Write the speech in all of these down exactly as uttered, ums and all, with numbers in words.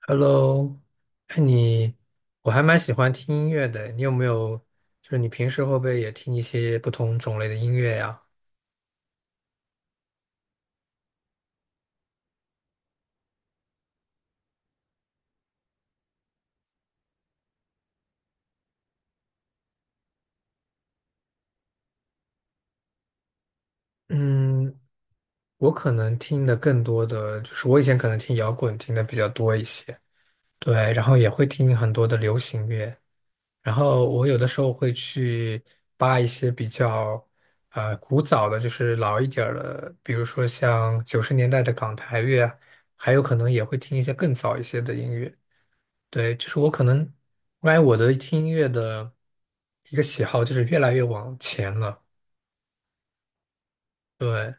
Hello。哎，你，我还蛮喜欢听音乐的。你有没有，就是你平时会不会也听一些不同种类的音乐呀？嗯，我可能听的更多的就是我以前可能听摇滚听的比较多一些。对，然后也会听很多的流行乐，然后我有的时候会去扒一些比较呃古早的，就是老一点儿的，比如说像九十年代的港台乐啊，还有可能也会听一些更早一些的音乐。对，就是我可能，我感觉我的听音乐的一个喜好就是越来越往前了。对。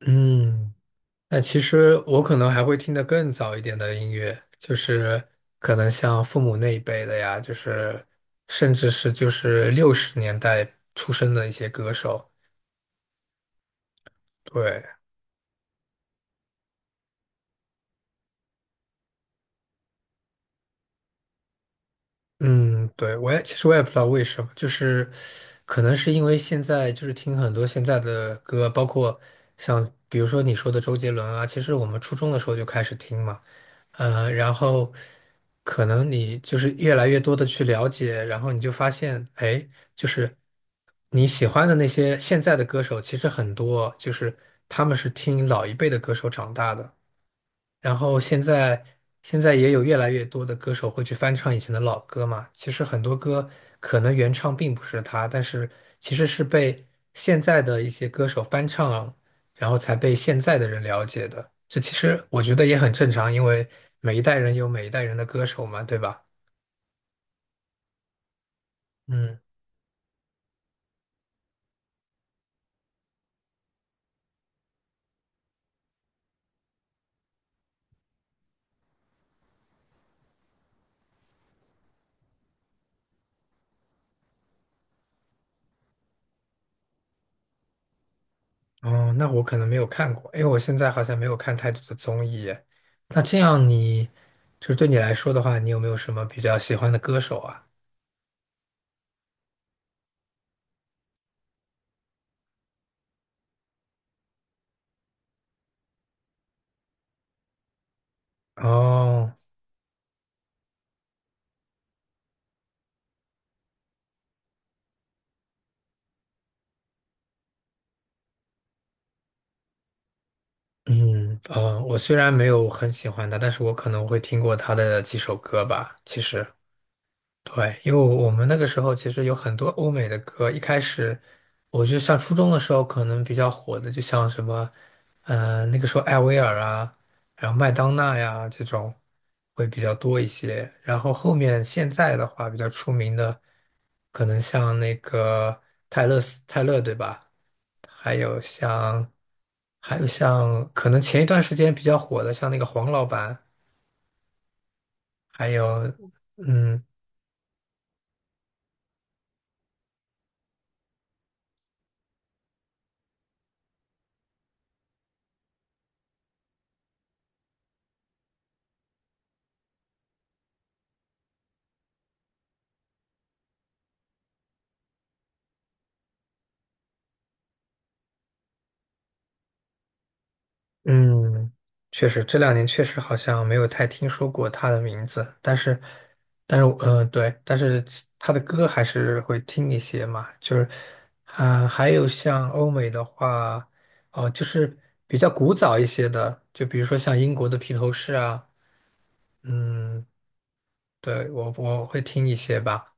嗯，但其实我可能还会听得更早一点的音乐，就是可能像父母那一辈的呀，就是甚至是就是六十年代出生的一些歌手。对。嗯，对，我也其实我也不知道为什么，就是可能是因为现在就是听很多现在的歌，包括像比如说你说的周杰伦啊，其实我们初中的时候就开始听嘛。呃，然后可能你就是越来越多的去了解，然后你就发现，哎，就是你喜欢的那些现在的歌手，其实很多就是他们是听老一辈的歌手长大的。然后现在现在也有越来越多的歌手会去翻唱以前的老歌嘛。其实很多歌可能原唱并不是他，但是其实是被现在的一些歌手翻唱，然后才被现在的人了解的。这其实我觉得也很正常，因为每一代人有每一代人的歌手嘛，对吧？嗯。哦，那我可能没有看过，因为我现在好像没有看太多的综艺耶。那这样你，就是对你来说的话，你有没有什么比较喜欢的歌手啊？哦。嗯，啊，我虽然没有很喜欢他，但是我可能会听过他的几首歌吧。其实，对，因为我们那个时候其实有很多欧美的歌，一开始我就得上初中的时候可能比较火的，就像什么，呃，那个时候艾薇儿啊，然后麦当娜呀这种会比较多一些。然后后面现在的话比较出名的，可能像那个泰勒斯泰勒，对吧？还有像，还有像，可能前一段时间比较火的，像那个黄老板。还有，嗯嗯，确实这两年确实好像没有太听说过他的名字，但是，但是，嗯、呃对，但是他的歌还是会听一些嘛，就是，啊、还有像欧美的话，哦、就是比较古早一些的，就比如说像英国的披头士啊，嗯，对，我我会听一些吧。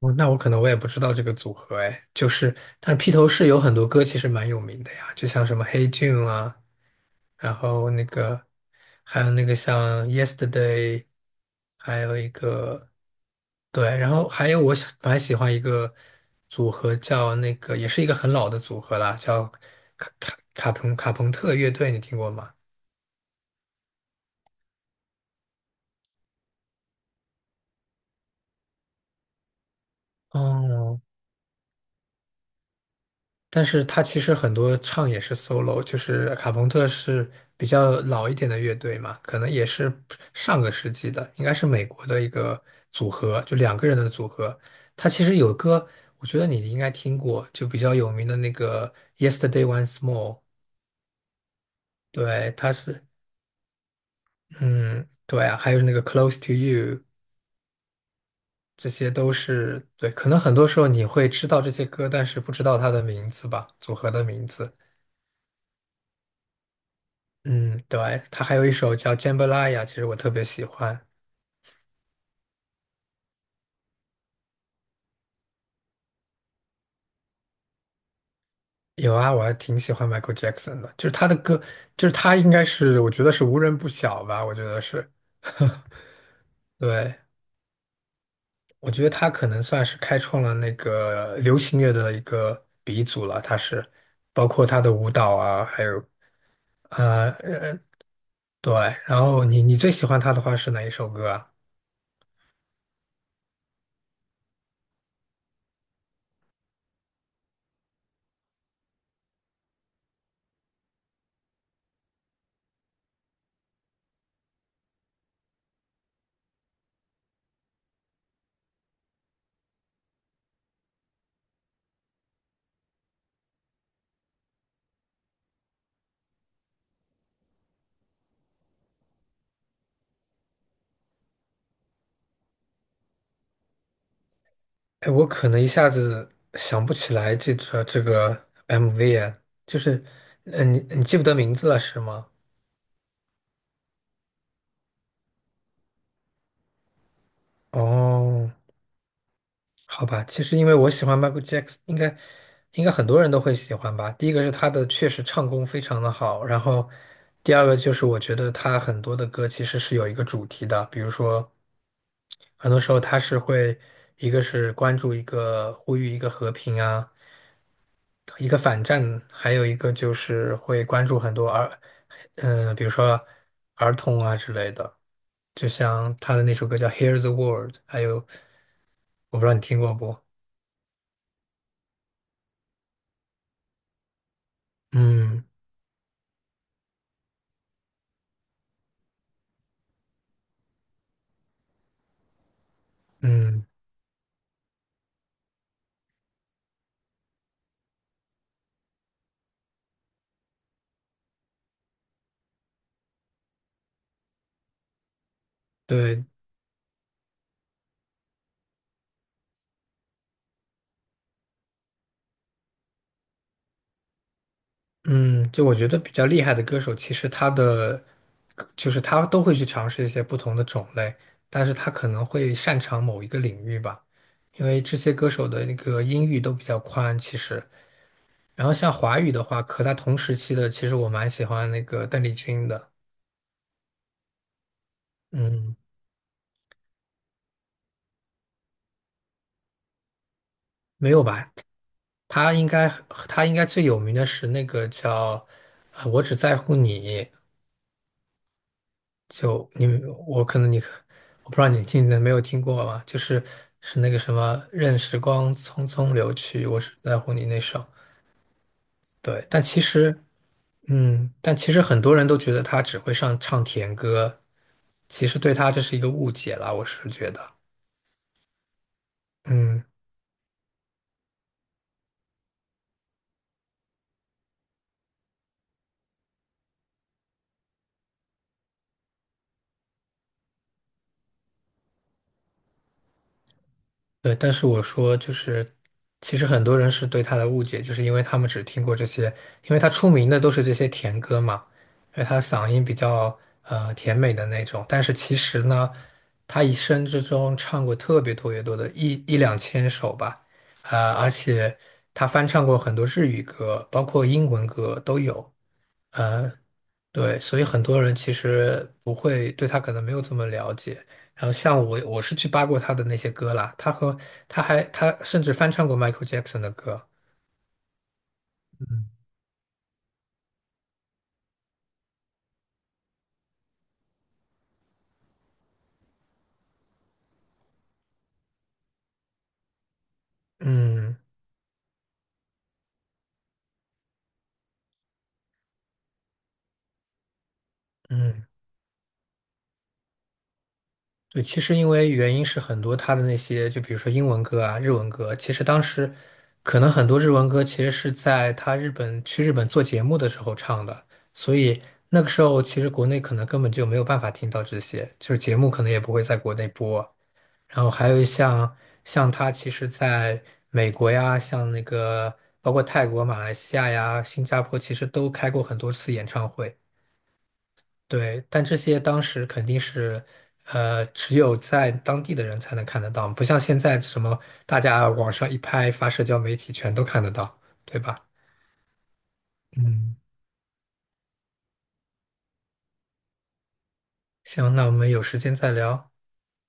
哦，那我可能我也不知道这个组合哎，就是，但是披头士有很多歌其实蛮有名的呀，就像什么《Hey Jude》啊，然后那个，还有那个像《Yesterday》，还有一个。对，然后还有我喜蛮喜欢一个组合叫那个，也是一个很老的组合啦，叫卡卡卡朋卡朋特乐队，你听过吗？哦，但是他其实很多唱也是 solo，就是卡朋特是比较老一点的乐队嘛，可能也是上个世纪的，应该是美国的一个组合，就两个人的组合。他其实有歌，我觉得你应该听过，就比较有名的那个《Yesterday Once More》。对，他是，嗯，对啊，还有那个《Close to You》，这些都是，对，可能很多时候你会知道这些歌，但是不知道他的名字吧，组合的名字。嗯，对，他还有一首叫《Jambalaya》，其实我特别喜欢。有啊，我还挺喜欢 Michael Jackson 的，就是他的歌，就是他应该是，我觉得是无人不晓吧，我觉得是。对，我觉得他可能算是开创了那个流行乐的一个鼻祖了，他是，包括他的舞蹈啊，还有呃呃，对。然后你你最喜欢他的话是哪一首歌啊？哎，我可能一下子想不起来这这这个 M V 啊，就是，嗯，你你记不得名字了是吗？哦，好吧，其实因为我喜欢 Michael Jackson，应该应该很多人都会喜欢吧。第一个是他的确实唱功非常的好，然后第二个就是我觉得他很多的歌其实是有一个主题的，比如说很多时候他是会一个是关注一个呼吁一个和平啊。一个反战，还有一个就是会关注很多儿，嗯、比如说儿童啊之类的，就像他的那首歌叫《Hear the World》，还有我不知道你听过不？嗯嗯，对。嗯，就我觉得比较厉害的歌手，其实他的就是他都会去尝试一些不同的种类，但是他可能会擅长某一个领域吧，因为这些歌手的那个音域都比较宽，其实。然后像华语的话，和他同时期的，其实我蛮喜欢那个邓丽君的。嗯，没有吧？他应该他应该最有名的是那个叫呃《我只在乎你》。就你我可能你我不知道你听没有听过吧？就是是那个什么“任时光匆匆流去，我只在乎你”那首。对，但其实嗯，但其实很多人都觉得他只会上唱甜歌，其实对他这是一个误解啦，我是觉得。嗯。对，但是我说就是，其实很多人是对他的误解，就是因为他们只听过这些，因为他出名的都是这些甜歌嘛，因为他嗓音比较呃甜美的那种。但是其实呢，他一生之中唱过特别特别多的一一两千首吧。呃，而且他翻唱过很多日语歌，包括英文歌都有。呃，对，所以很多人其实不会对他可能没有这么了解。然后像我，我是去扒过他的那些歌啦，他和他还他甚至翻唱过 Michael Jackson 的歌。嗯，嗯嗯，对，其实因为原因是很多，他的那些就比如说英文歌啊、日文歌，其实当时可能很多日文歌其实是在他日本去日本做节目的时候唱的，所以那个时候其实国内可能根本就没有办法听到这些，就是节目可能也不会在国内播。然后还有像像他其实在美国呀，像那个包括泰国、马来西亚呀、新加坡，其实都开过很多次演唱会。对，但这些当时肯定是，呃，只有在当地的人才能看得到，不像现在什么大家网上一拍发社交媒体全都看得到，对吧？嗯，行，那我们有时间再聊。